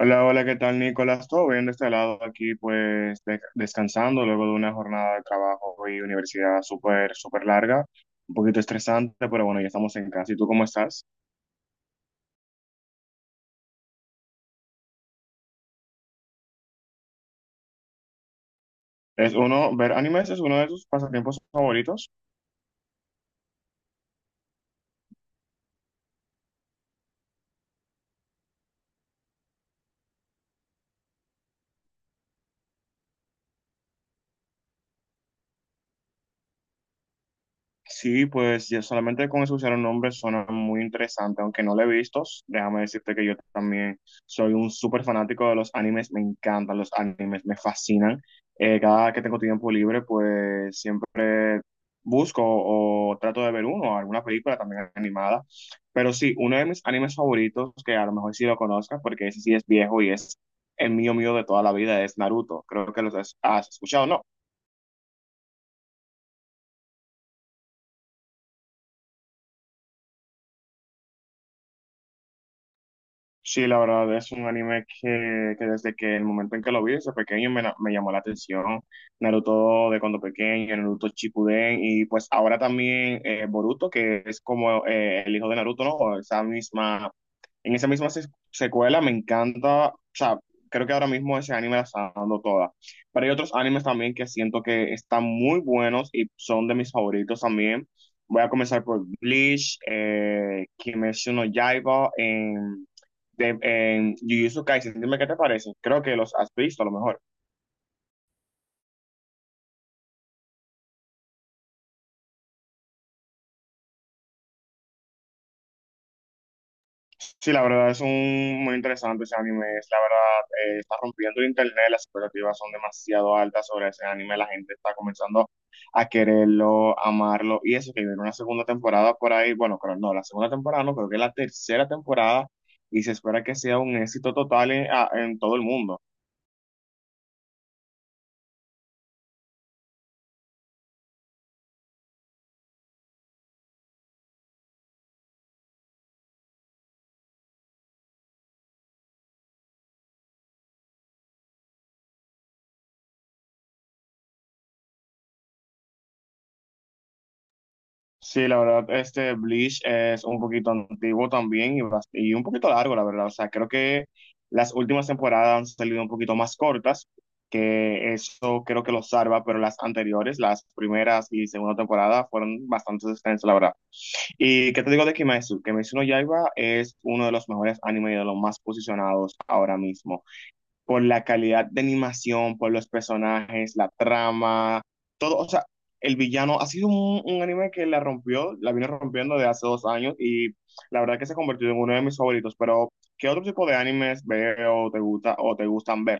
Hola, hola, ¿qué tal, Nicolás? Todo bien de este lado aquí, pues descansando luego de una jornada de trabajo y universidad súper, súper larga, un poquito estresante, pero bueno, ya estamos en casa. ¿Y tú cómo estás? ¿Es uno, ver animes es uno de tus pasatiempos favoritos? Sí, pues ya solamente con escuchar un nombre suena muy interesante, aunque no lo he visto. Déjame decirte que yo también soy un súper fanático de los animes, me encantan los animes, me fascinan. Cada que tengo tiempo libre, pues siempre busco o trato de ver uno, alguna película también animada. Pero sí, uno de mis animes favoritos, que a lo mejor sí lo conozcas, porque ese sí es viejo y es el mío mío de toda la vida, es Naruto. Creo que los has escuchado, ¿no? Sí, la verdad es un anime que desde que el momento en que lo vi desde pequeño me, me llamó la atención. Naruto de cuando pequeño, Naruto Shippuden y pues ahora también Boruto, que es como el hijo de Naruto, ¿no? Esa misma, en esa misma secuela me encanta, o sea, creo que ahora mismo ese anime la está dando toda. Pero hay otros animes también que siento que están muy buenos y son de mis favoritos también. Voy a comenzar por Bleach, Kimetsu no Yaiba de, en Jujutsu Kaisen, dime qué te parece. Creo que los has visto a lo mejor. Sí, la verdad es un muy interesante ese anime. Es, la verdad, está rompiendo el internet. Las expectativas son demasiado altas sobre ese anime. La gente está comenzando a quererlo, amarlo. Y eso que viene una segunda temporada por ahí. Bueno, creo no, la segunda temporada no, creo que es la tercera temporada. Y se espera que sea un éxito total en, en todo el mundo. Sí, la verdad, este Bleach es un poquito antiguo también y, y un poquito largo, la verdad. O sea, creo que las últimas temporadas han salido un poquito más cortas, que eso creo que lo salva, pero las anteriores, las primeras y segunda temporada, fueron bastante extensas, la verdad. ¿Y qué te digo de Kimetsu? Kimetsu no Yaiba es uno de los mejores animes y de los más posicionados ahora mismo por la calidad de animación, por los personajes, la trama, todo, o sea, el villano ha sido un anime que la rompió, la vino rompiendo de hace dos años y la verdad que se ha convertido en uno de mis favoritos, pero ¿qué otro tipo de animes veo, o te gusta o te gustan ver?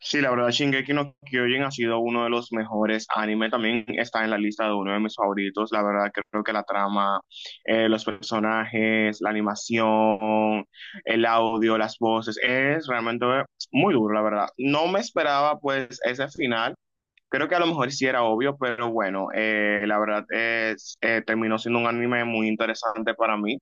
Sí, la verdad, Shingeki no Kyojin ha sido uno de los mejores anime. También está en la lista de uno de mis favoritos. La verdad, creo que la trama, los personajes, la animación, el audio, las voces, es realmente muy duro, la verdad. No me esperaba, pues, ese final. Creo que a lo mejor sí era obvio, pero bueno, la verdad es, terminó siendo un anime muy interesante para mí.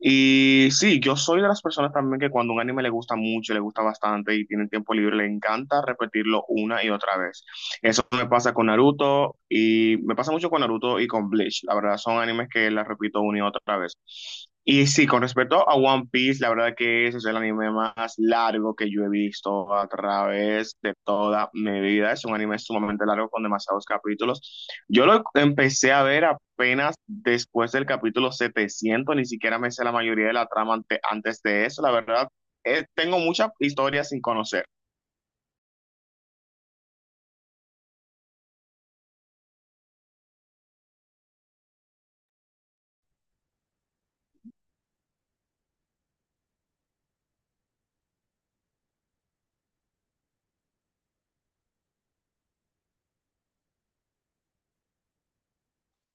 Y sí, yo soy de las personas también que cuando un anime le gusta mucho, le gusta bastante y tiene tiempo libre, le encanta repetirlo una y otra vez. Eso me pasa con Naruto y me pasa mucho con Naruto y con Bleach. La verdad, son animes que las repito una y otra vez. Y sí, con respecto a One Piece, la verdad que ese es el anime más largo que yo he visto a través de toda mi vida. Es un anime sumamente largo con demasiados capítulos. Yo lo empecé a ver apenas después del capítulo setecientos. Ni siquiera me sé la mayoría de la trama antes de eso, la verdad, tengo muchas historias sin conocer.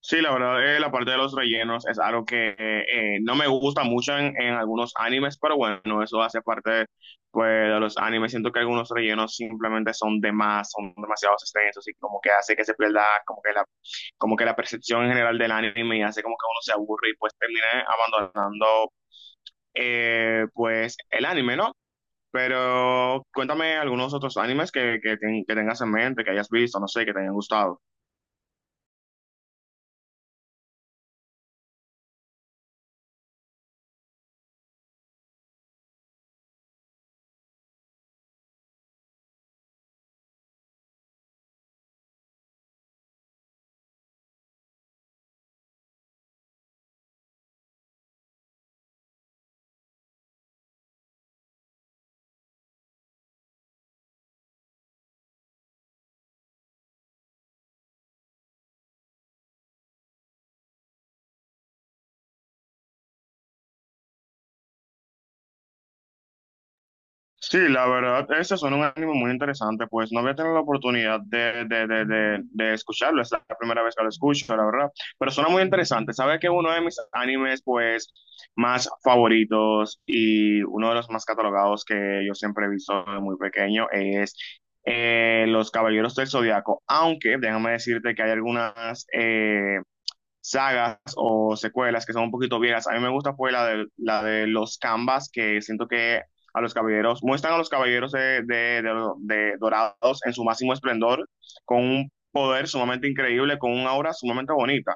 Sí, la verdad, la parte de los rellenos es algo que no me gusta mucho en algunos animes, pero bueno, eso hace parte de, pues, de los animes. Siento que algunos rellenos simplemente son de más, son demasiado extensos y como que hace que se pierda como que la percepción en general del anime y hace como que uno se aburre y pues termina abandonando pues el anime, ¿no? Pero cuéntame algunos otros animes que tengas en mente, que hayas visto, no sé, que te hayan gustado. Sí, la verdad, este suena un anime muy interesante, pues no había tenido la oportunidad de escucharlo, es la primera vez que lo escucho, la verdad, pero suena muy interesante. Sabe que uno de mis animes, pues, más favoritos y uno de los más catalogados que yo siempre he visto de muy pequeño es Los Caballeros del Zodiaco, aunque déjame decirte que hay algunas, sagas o secuelas que son un poquito viejas. A mí me gusta pues la de los Canvas, que siento que a los caballeros, muestran a los caballeros de, de dorados en su máximo esplendor, con un poder sumamente increíble, con una aura sumamente bonita.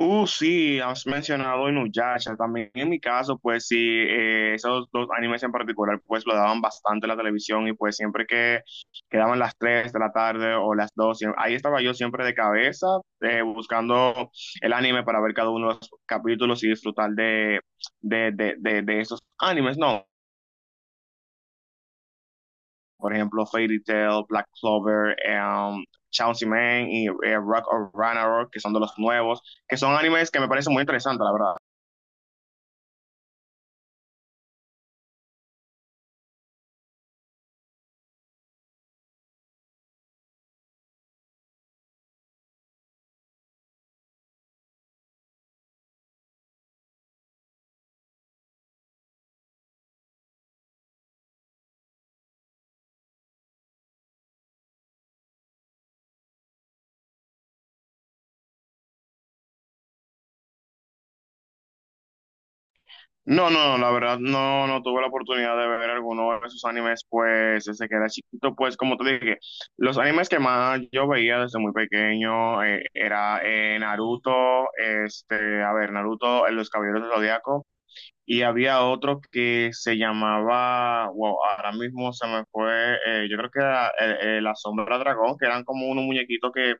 Sí, has mencionado Inuyasha. También en mi caso, pues sí, esos dos animes en particular, pues lo daban bastante en la televisión y pues siempre que quedaban las 3 de la tarde o las 2 ahí estaba yo siempre de cabeza buscando el anime para ver cada uno de los capítulos y disfrutar de esos animes, ¿no? Por ejemplo, Fairy Tail, Black Clover, um, Chainsaw Man y Rock of Ragnarok, que son de los nuevos, que son animes que me parecen muy interesantes, la verdad. No, no, la verdad no, no tuve la oportunidad de ver alguno de esos animes, pues desde que era chiquito, pues como te dije, los animes que más yo veía desde muy pequeño era Naruto, este, a ver, Naruto, Los Caballeros del Zodiaco, y había otro que se llamaba, wow, ahora mismo se me fue, yo creo que era La Sombra Dragón, que eran como unos muñequitos que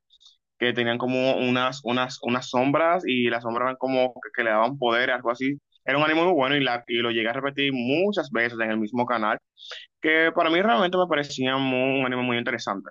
tenían como unas, unas, unas sombras y las sombras eran como que le daban poder, algo así. Era un anime muy bueno y, la, y lo llegué a repetir muchas veces en el mismo canal, que para mí realmente me parecía un anime muy interesante.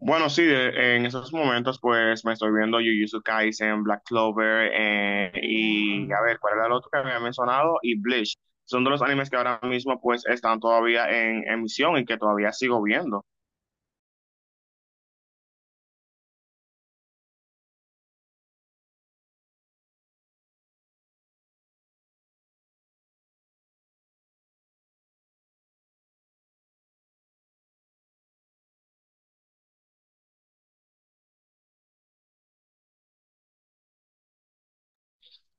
Bueno, sí, en esos momentos pues me estoy viendo Jujutsu Kaisen, Black Clover, y a ver, ¿cuál era el otro que había mencionado? Y Bleach. Son de los animes que ahora mismo pues están todavía en emisión y que todavía sigo viendo.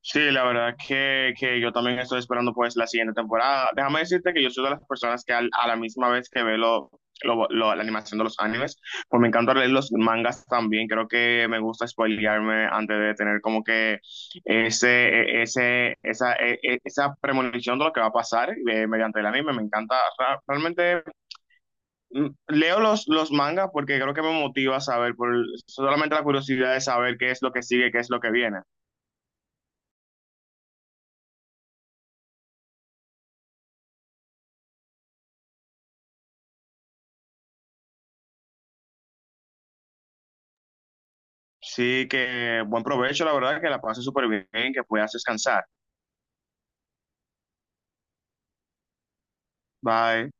Sí, la verdad que yo también estoy esperando pues la siguiente temporada. Déjame decirte que yo soy de las personas que a la misma vez que veo lo, la animación de los animes, pues me encanta leer los mangas también. Creo que me gusta spoilearme antes de tener como que ese, ese, esa, esa premonición de lo que va a pasar mediante el anime. Me encanta, realmente leo los mangas porque creo que me motiva a saber, por solamente la curiosidad de saber qué es lo que sigue, qué es lo que viene. Sí, que buen provecho, la verdad, que la pases súper bien, que puedas descansar. Bye.